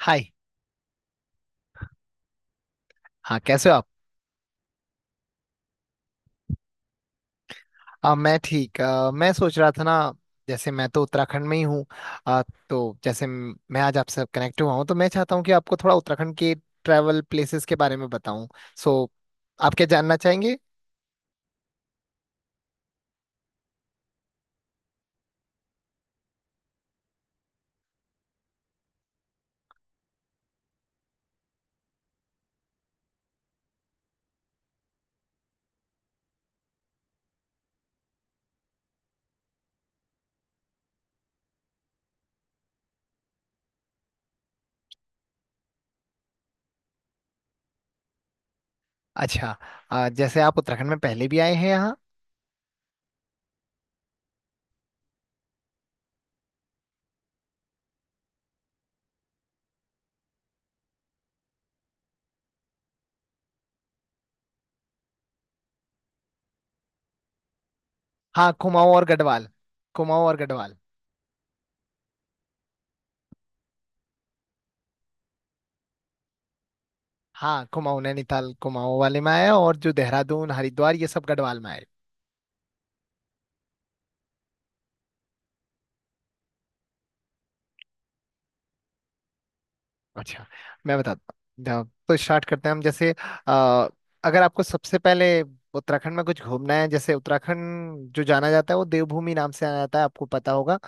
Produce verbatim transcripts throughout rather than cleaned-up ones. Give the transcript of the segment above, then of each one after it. हाय। हाँ कैसे हो आप। आ, मैं ठीक। आ, मैं सोच रहा था ना, जैसे मैं तो उत्तराखंड में ही हूँ। आ, तो जैसे म- मैं आज आपसे कनेक्ट हुआ हूँ, तो मैं चाहता हूँ कि आपको थोड़ा उत्तराखंड के ट्रैवल प्लेसेस के बारे में बताऊँ। सो आप क्या जानना चाहेंगे। अच्छा। आ, जैसे आप उत्तराखंड में पहले भी आए हैं यहाँ। हाँ कुमाऊँ और गढ़वाल। कुमाऊँ और गढ़वाल हाँ। कुमाऊँ, नैनीताल कुमाऊँ वाले में आया, और जो देहरादून हरिद्वार ये सब गढ़वाल में आया। अच्छा, मैं बताता हूँ। जाओ, तो स्टार्ट करते हैं हम। जैसे अ, अगर आपको सबसे पहले उत्तराखंड में कुछ घूमना है, जैसे उत्तराखंड जो जाना जाता है वो देवभूमि नाम से जाना जाता है, आपको पता होगा।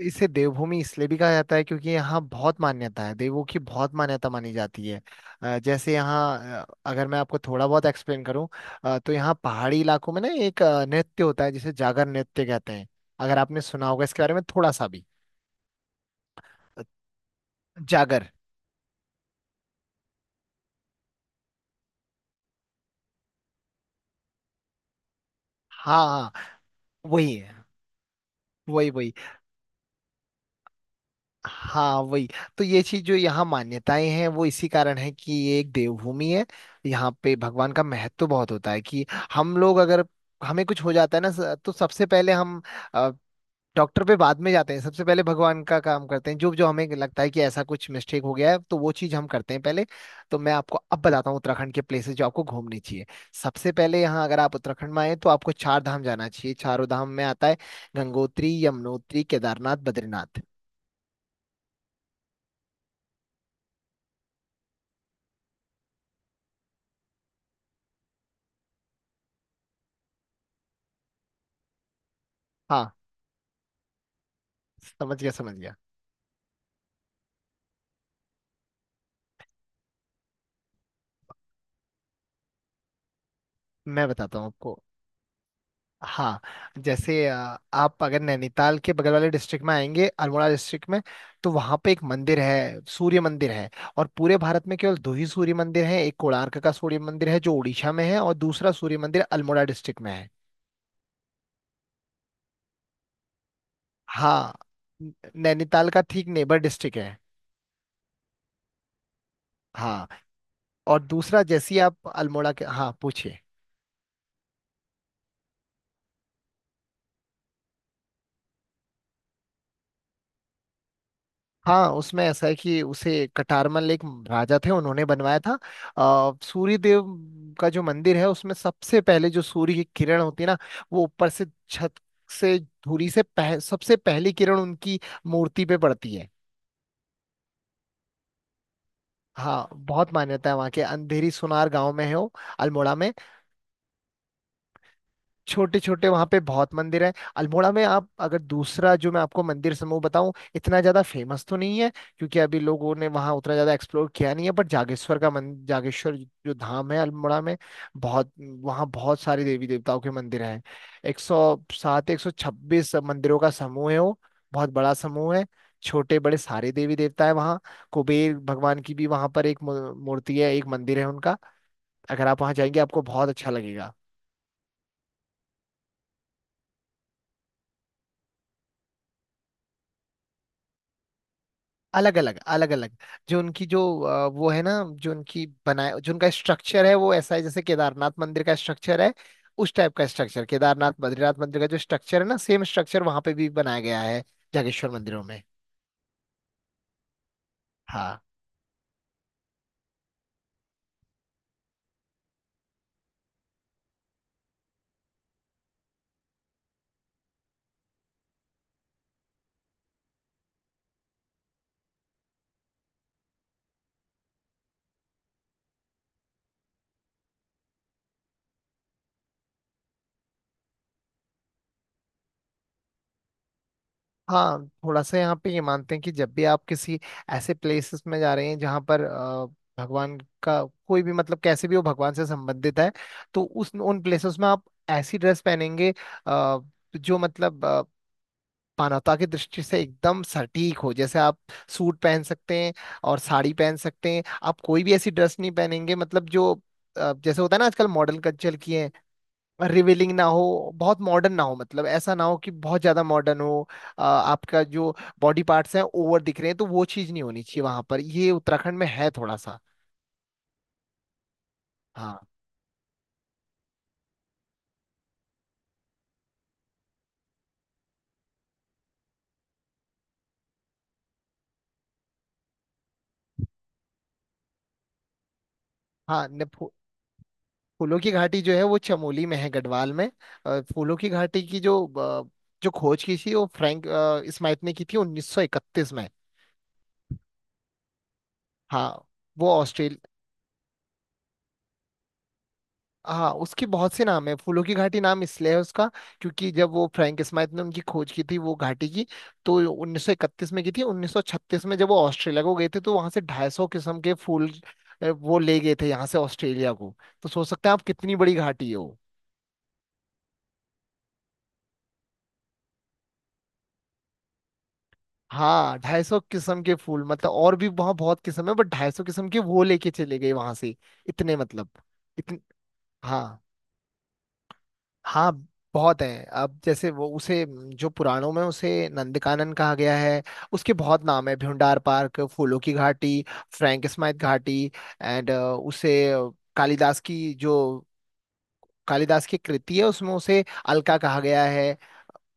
इसे देवभूमि इसलिए भी कहा जाता है क्योंकि यहाँ बहुत मान्यता है, देवों की बहुत मान्यता मानी जाती है। अ, जैसे यहाँ अ, अगर मैं आपको थोड़ा बहुत एक्सप्लेन करूँ, अ, तो यहाँ पहाड़ी इलाकों में ना एक अ, नृत्य होता है जिसे जागर नृत्य कहते हैं। अगर आपने सुना होगा इसके बारे में थोड़ा सा भी। जागर। हाँ हाँ, वही है। वही वही। हाँ वही। तो ये चीज जो यहाँ मान्यताएं हैं वो इसी कारण है कि ये एक देवभूमि है। यहाँ पे भगवान का महत्व बहुत होता है कि हम लोग अगर हमें कुछ हो जाता है ना, स- तो सबसे पहले हम अ, डॉक्टर पे बाद में जाते हैं, सबसे पहले भगवान का काम करते हैं। जो जो हमें लगता है कि ऐसा कुछ मिस्टेक हो गया है, तो वो चीज हम करते हैं पहले। तो मैं आपको अब बताता हूँ उत्तराखंड के प्लेसेस जो आपको घूमने चाहिए। सबसे पहले यहाँ अगर आप उत्तराखंड में आए, तो आपको चार धाम जाना चाहिए। चारों धाम में आता है गंगोत्री, यमुनोत्री, केदारनाथ, बद्रीनाथ। हाँ, समझ गया समझ गया। मैं बताता हूँ आपको। हाँ, जैसे अ, आप अगर नैनीताल के बगल वाले डिस्ट्रिक्ट में आएंगे, अल्मोड़ा डिस्ट्रिक्ट में, तो वहाँ पे एक मंदिर है, सूर्य मंदिर है। और पूरे भारत में केवल दो ही सूर्य मंदिर हैं। एक कोणार्क का सूर्य मंदिर है जो उड़ीसा में है, और दूसरा सूर्य मंदिर अल्मोड़ा डिस्ट्रिक्ट में है। हाँ, न- नैनीताल का ठीक नेबर डिस्ट्रिक्ट है। हाँ, और दूसरा जैसे ही आप अल्मोड़ा के। हाँ पूछिए। हाँ, उसमें ऐसा है कि उसे कटारमल एक राजा थे, उन्होंने बनवाया था। आ, सूर्य देव का जो मंदिर है, उसमें सबसे पहले जो सूर्य की किरण होती है ना, वो ऊपर से छत से धूरी से पह, सबसे पहली किरण उनकी मूर्ति पे पड़ती है। हाँ, बहुत मान्यता है वहाँ के। अंधेरी सुनार गांव में है वो, अल्मोड़ा में। छोटे छोटे वहां पे बहुत मंदिर हैं अल्मोड़ा में। आप अगर, दूसरा जो मैं आपको मंदिर समूह बताऊं, इतना ज्यादा फेमस तो नहीं है क्योंकि अभी लोगों ने वहां उतना ज्यादा एक्सप्लोर किया नहीं है, बट जागेश्वर का मन जागेश्वर जो धाम है अल्मोड़ा में, बहुत, वहाँ बहुत सारे देवी देवताओं के मंदिर हैं। एक सौ सात एक सौ छब्बीस मंदिरों का समूह है वो। बहुत बड़ा समूह है। छोटे बड़े सारे देवी देवता है वहाँ। कुबेर भगवान की भी वहां पर एक मू- मूर्ति है, एक मंदिर है उनका। अगर आप वहां जाएंगे आपको बहुत अच्छा लगेगा। अलग अलग, अलग अलग। जो उनकी जो अ, वो है ना, जो उनकी बनाए, जो उनका स्ट्रक्चर है वो ऐसा है जैसे केदारनाथ मंदिर का स्ट्रक्चर है। उस टाइप का स्ट्रक्चर, केदारनाथ बद्रीनाथ मंदिर का जो स्ट्रक्चर है ना, सेम स्ट्रक्चर वहां पे भी बनाया गया है, जागेश्वर मंदिरों में। हाँ। हाँ थोड़ा सा यहाँ पे ये मानते हैं कि जब भी आप किसी ऐसे प्लेसेस में जा रहे हैं जहाँ पर अ, भगवान का कोई भी, मतलब कैसे भी वो भगवान से संबंधित है, तो उस, उन प्लेसेस में आप ऐसी ड्रेस पहनेंगे अ, जो मतलब मानवता की दृष्टि से एकदम सटीक हो। जैसे आप सूट पहन सकते हैं और साड़ी पहन सकते हैं। आप कोई भी ऐसी ड्रेस नहीं पहनेंगे, मतलब जो अ, जैसे होता है ना आजकल मॉडर्न कल्चर की है, रिवीलिंग ना हो, बहुत मॉडर्न ना हो। मतलब ऐसा ना हो कि बहुत ज्यादा मॉडर्न हो। अ, आपका जो बॉडी पार्ट्स हैं ओवर दिख रहे हैं, तो वो चीज नहीं होनी चाहिए वहां पर। ये उत्तराखंड में है थोड़ा सा। हाँ। हाँ, फूलों की घाटी जो है वो चमोली में है, गढ़वाल में। अ, फूलों की घाटी की जो अ, जो खोज की थी वो फ्रैंक अ, स्माइट ने की थी उन्नीस सौ इकतीस में। हाँ, वो ऑस्ट्रेल। हाँ, उसके बहुत से नाम है। फूलों की घाटी नाम इसलिए है उसका क्योंकि जब वो फ्रैंक स्माइट ने उनकी खोज की थी, वो घाटी की, तो उन्नीस सौ इकतीस में की थी। उन्नीस सौ छत्तीस में जब वो ऑस्ट्रेलिया को गए थे, तो वहां से ढाई सौ किस्म के फूल अ, वो ले गए थे यहाँ से ऑस्ट्रेलिया को। तो सोच सकते हैं आप कितनी बड़ी घाटी है वो। हाँ, ढाई सौ किस्म के फूल। मतलब और भी वहाँ बहुत किस्म है बट ढाई सौ किस्म के वो लेके चले गए वहां से। इतने, मतलब इतने। हाँ। हाँ बहुत है। अब जैसे वो उसे, जो पुराणों में उसे नंदकानन कहा गया है। उसके बहुत नाम है, भ्यूंडार पार्क, फूलों की घाटी, फ्रैंक स्माइथ घाटी, एंड उसे कालिदास की जो, कालिदास की कृति है उसमें उसे अलका कहा गया है।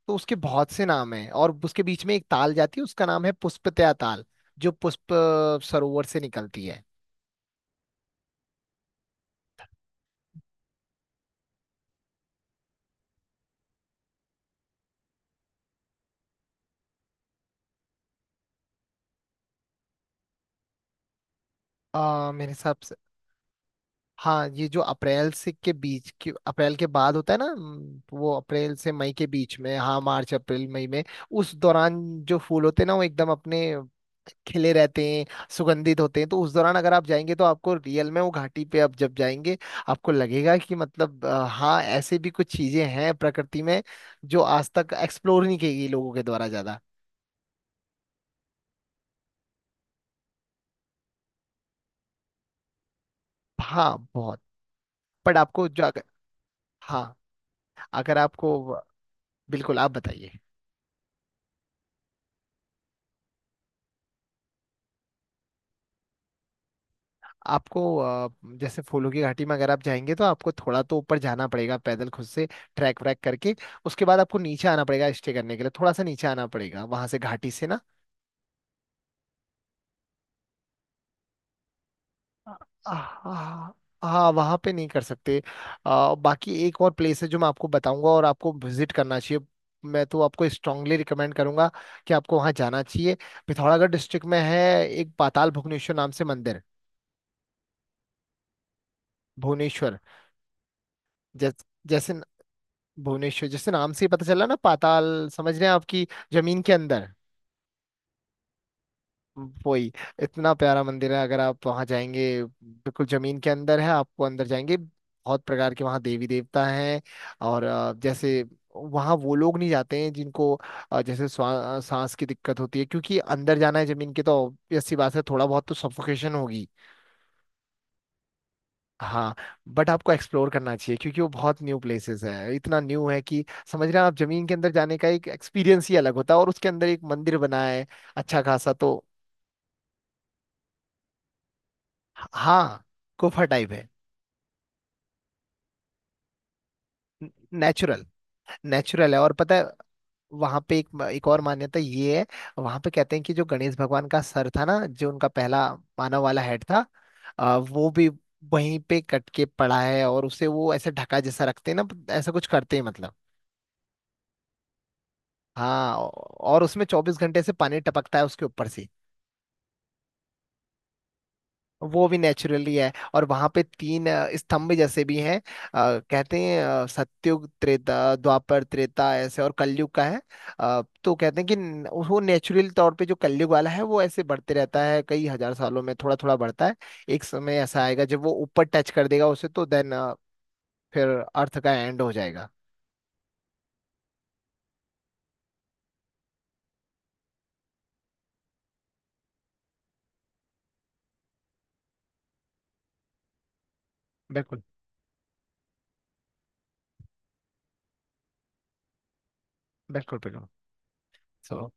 तो उसके बहुत से नाम हैं। और उसके बीच में एक ताल जाती है, उसका नाम है पुष्पतया ताल, जो पुष्प सरोवर से निकलती है। आ, मेरे हिसाब। हाँ ये जो अप्रैल से के बीच के, अप्रैल के बाद होता है ना, हम्म, वो अप्रैल से मई के बीच में। हाँ मार्च अप्रैल मई में। उस दौरान जो फूल होते हैं ना, वो एकदम अपने खिले रहते हैं, सुगंधित होते हैं। तो उस दौरान अगर आप जाएंगे, तो आपको रियल में वो घाटी पे आप जब जाएंगे, आपको लगेगा कि मतलब अ, हाँ ऐसे भी कुछ चीजें हैं प्रकृति में जो आज तक एक्सप्लोर नहीं की गई लोगों के द्वारा ज्यादा। हाँ बहुत। बट आपको जो अगर। हाँ, अगर आपको। बिल्कुल आप बताइए। आपको अ, जैसे फूलों की घाटी में अगर आप जाएंगे तो आपको थोड़ा तो ऊपर जाना पड़ेगा, पैदल खुद से, ट्रैक व्रैक करके। उसके बाद आपको नीचे आना पड़ेगा स्टे करने के लिए, थोड़ा सा नीचे आना पड़ेगा वहां से घाटी से ना। हाँ। हाँ वहाँ पे नहीं कर सकते। आ, बाकी एक और प्लेस है जो मैं आपको बताऊंगा और आपको विजिट करना चाहिए। मैं तो आपको स्ट्रांगली रिकमेंड करूंगा कि आपको वहाँ जाना चाहिए। पिथौरागढ़ डिस्ट्रिक्ट में है एक, पाताल भुवनेश्वर नाम से मंदिर। भुवनेश्वर। जैस, जैसे भुवनेश्वर, जैसे नाम से ही पता चला ना, पाताल समझ रहे हैं आपकी, जमीन के अंदर। वही। इतना प्यारा मंदिर है, अगर आप वहां जाएंगे। बिल्कुल जमीन के अंदर है। आपको अंदर जाएंगे, बहुत प्रकार के वहाँ देवी देवता हैं। और अ, जैसे वहाँ वो लोग नहीं जाते हैं जिनको अ, जैसे स्वा- सांस की दिक्कत होती है, क्योंकि अंदर जाना है जमीन के, तो obvious सी बात है थोड़ा बहुत तो सफोकेशन होगी। हाँ। बट आपको एक्सप्लोर करना चाहिए क्योंकि वो बहुत न्यू प्लेसेस है। इतना न्यू है कि, समझ रहे हैं आप, जमीन के अंदर जाने का एक एक्सपीरियंस ही अलग होता है और उसके अंदर एक मंदिर बना है अच्छा खासा। तो हाँ गुफा टाइप है। नेचुरल, नेचुरल है। और पता है वहां पे एक, एक और मान्यता ये है। वहां पे कहते हैं कि जो गणेश भगवान का सर था ना, जो उनका पहला मानव वाला हेड था, अ, वो भी वहीं पे कट के पड़ा है, और उसे वो ऐसे ढका जैसा रखते हैं ना, ऐसा कुछ करते हैं मतलब। हाँ, और उसमें चौबीस घंटे से पानी टपकता है उसके ऊपर से। वो भी नेचुरली है। और वहां पे तीन अ, स्तंभ जैसे भी हैं। अ, कहते हैं अ, सत्युग, त्रेता, द्वापर, त्रेता ऐसे, और कलयुग का है। अ, तो कहते हैं कि न- वो नेचुरल तौर पे जो कलयुग वाला है वो ऐसे बढ़ते रहता है, कई हजार सालों में थोड़ा थोड़ा बढ़ता है। एक समय ऐसा आएगा जब वो ऊपर टच कर देगा उसे, तो देन, फिर अर्थ का एंड हो जाएगा। बिल्कुल बिल्कुल बिल्कुल। सो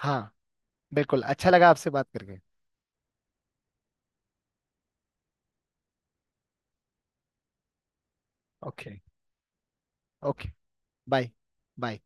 हाँ, बिल्कुल अच्छा लगा आपसे बात करके। ओके। ओके। बाय। बाय।